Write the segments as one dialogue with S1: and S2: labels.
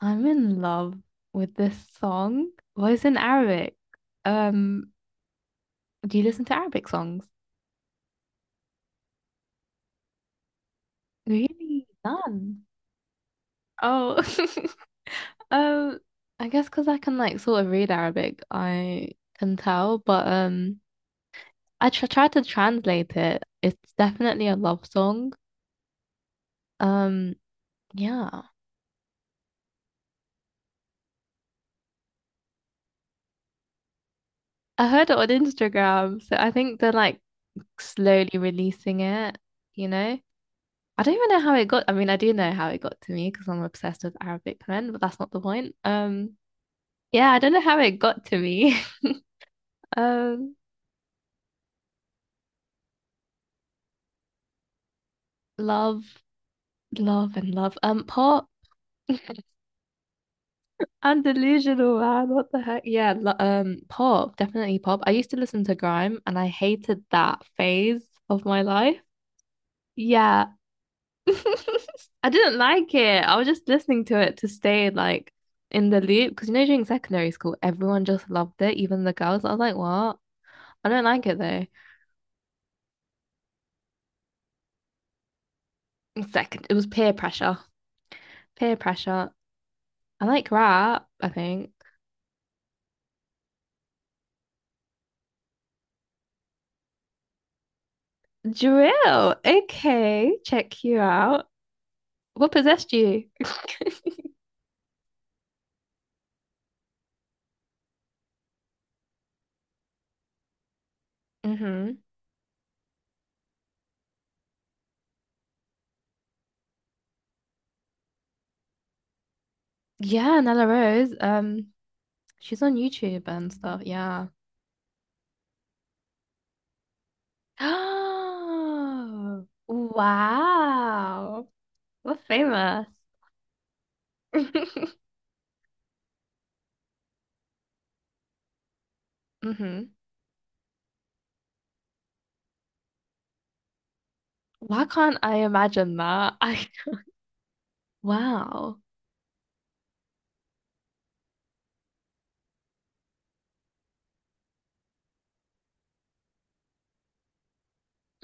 S1: I'm in love with this song. Well, it's in Arabic. Um, do you listen to Arabic songs? Really? None. Oh. Um, I guess because I can like sort of read Arabic, I can tell, but I tr try to translate it. It's definitely a love song. Um, yeah, I heard it on Instagram, so I think they're like slowly releasing it, you know? I don't even know how it got. I mean, I do know how it got to me because I'm obsessed with Arabic men, but that's not the point. Yeah, I don't know how it got to me. Um, Love, love, and love. Pop. I'm delusional, man. What the heck? Yeah, pop, definitely pop. I used to listen to grime, and I hated that phase of my life. Yeah, I didn't like it. I was just listening to it to stay like in the loop because you know during secondary school, everyone just loved it, even the girls. I was like, what? I don't like it though. Second, it was peer pressure. Peer pressure. I like rap, I think. Drill. Okay, check you out. What possessed you? hmm Yeah, Nella Rose. She's on YouTube and stuff. Yeah. Oh, wow. We're famous. hmm Why can't I imagine that? I Wow.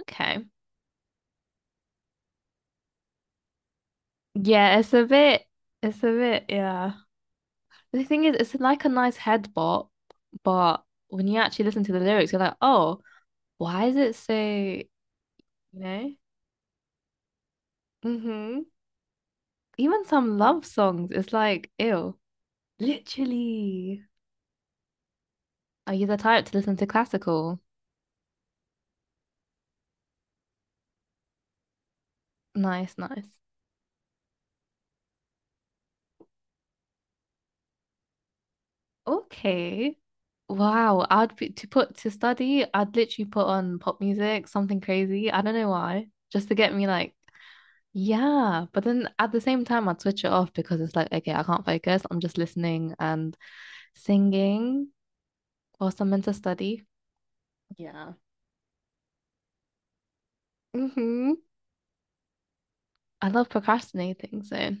S1: Okay. Yeah, it's a bit. It's a bit. Yeah. The thing is, it's like a nice head bop, but when you actually listen to the lyrics, you're like, oh, why is it so, you know? Mm-hmm. Even some love songs, it's like, ew. Literally. Are you the type to listen to classical? Nice, nice. Okay. Wow. I'd be to put to study, I'd literally put on pop music, something crazy. I don't know why. Just to get me like. Yeah, but then at the same time, I'd switch it off because it's like, okay, I can't focus. I'm just listening and singing whilst I'm meant to study. Yeah. hmm I love procrastinating, so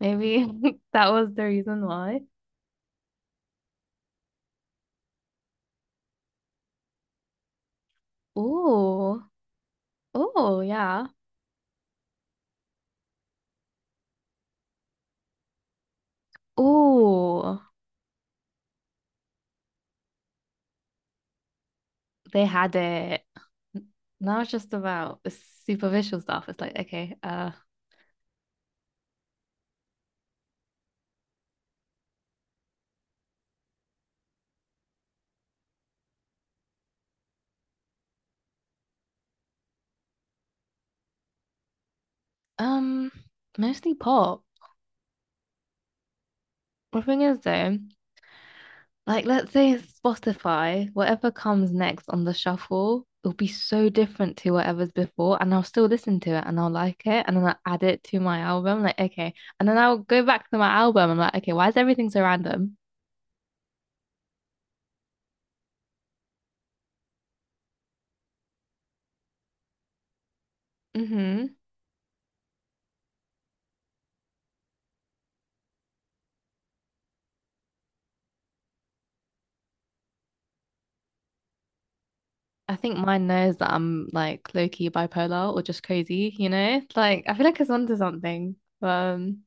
S1: maybe that was the reason why. Oh, oh, yeah. Oh, they had it. N- Now it's just about the superficial stuff. It's like, okay, um, mostly pop. The thing is, though, like, let's say Spotify, whatever comes next on the shuffle, it'll be so different to whatever's before, and I'll still listen to it and I'll like it, and then I'll add it to my album. Like, okay. And then I'll go back to my album. I'm like, okay, why is everything so random? Mm-hmm. I think mine knows that I'm like low-key bipolar or just crazy, you know? Like, I feel like it's onto something. Um,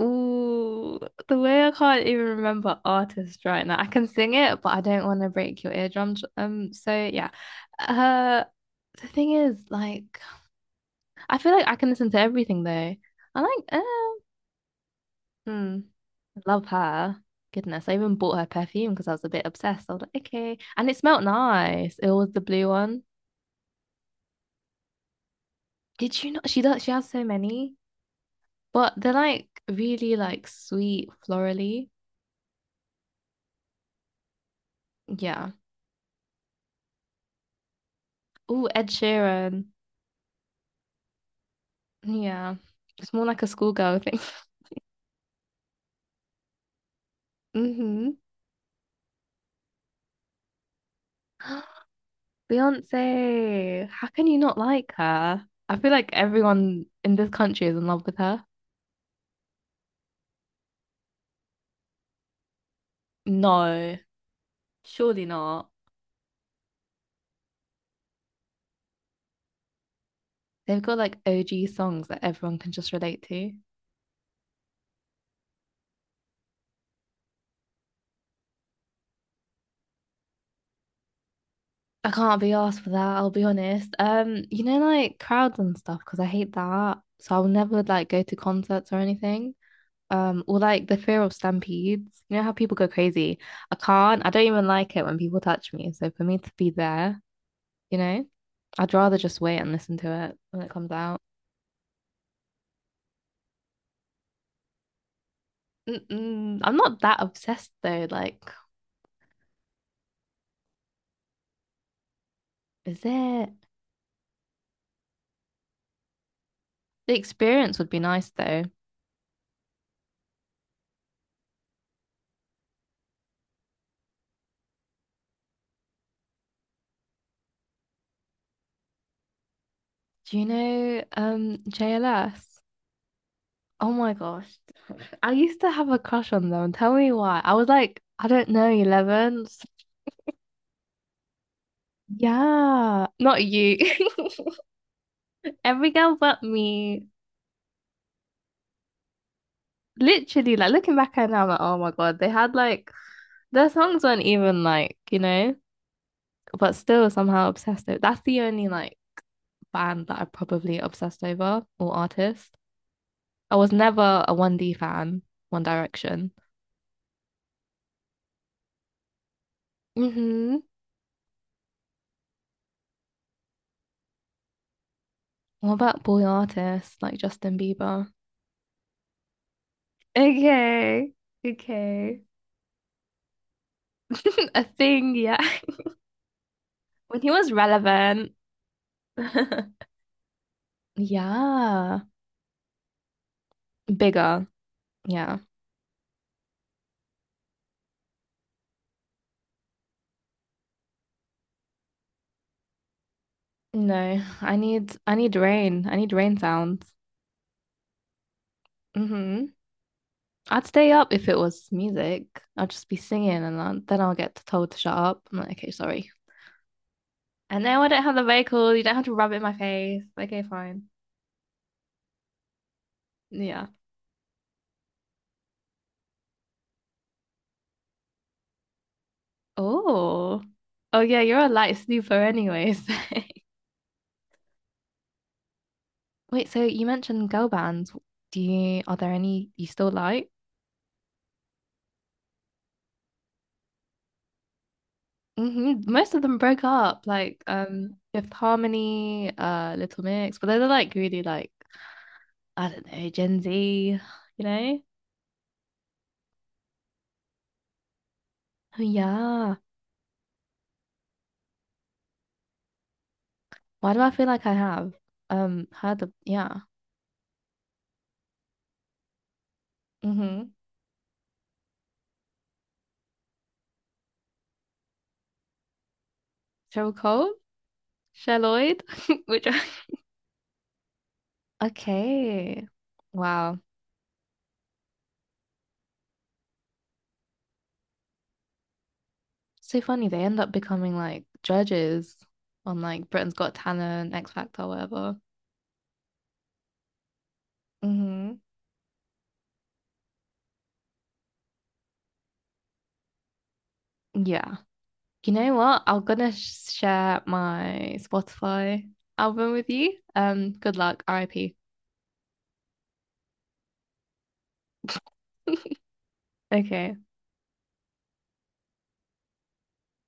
S1: Ooh, the way I can't even remember artists right now. I can sing it, but I don't want to break your eardrums. So yeah. Uh, the thing is, like, I feel like I can listen to everything though. I like, hmm, love her. Goodness, I even bought her perfume because I was a bit obsessed. I was like, okay, and it smelled nice. It was the blue one. Did you not? She does. She has so many, but they're like really like sweet, florally. Yeah. Ooh, Ed Sheeran. Yeah. It's more like a schoolgirl thing. hmm Beyonce, how can you not like her? I feel like everyone in this country is in love with her. No, surely not. They've got like OG songs that everyone can just relate to. I can't be asked for that, I'll be honest. You know, like crowds and stuff, because I hate that. So I'll never like go to concerts or anything. Or like the fear of stampedes. You know how people go crazy. I can't. I don't even like it when people touch me. So for me to be there, you know, I'd rather just wait and listen to it when it comes out. Mm-mm. I'm not that obsessed though. Like, is it? The experience would be nice though. Do you know JLS? Oh my gosh. I used to have a crush on them. Tell me why. I was like, I don't know, 11. Yeah, not you. Every girl but me. Literally, like looking back at it now, I'm like, oh my God, they had like their songs weren't even like, you know, but still somehow obsessed over. That's the only like band that I probably obsessed over or artist. I was never a 1D fan, One Direction. Mm-hmm. What about boy artists like Justin Bieber? Okay, okay. A thing, yeah. When he was relevant. Yeah. Bigger. Yeah. No, I need rain. I need rain sounds. Hmm I'd stay up if it was music. I'll just be singing then I'll get told to shut up. I'm like, okay, sorry. And now I don't have the vehicle. You don't have to rub it in my face. Okay, fine. Yeah. Oh. Oh yeah, you're a light sleeper anyways. Wait, so you mentioned girl bands. Do you Are there any you still like? Hmm Most of them broke up, like Fifth Harmony, Little Mix, but they're like really like. I don't know, Gen Z, you know? Oh, yeah. Why do I feel like I have heard the. Yeah. Mm-hmm. Cheryl Cole? Sherloid? Which I- Okay. Wow. So funny they end up becoming like judges on like Britain's Got Talent, X Factor, whatever. Mm-hmm. Yeah. You know what? I'm gonna share my Spotify album with you. Good luck, RIP. Okay.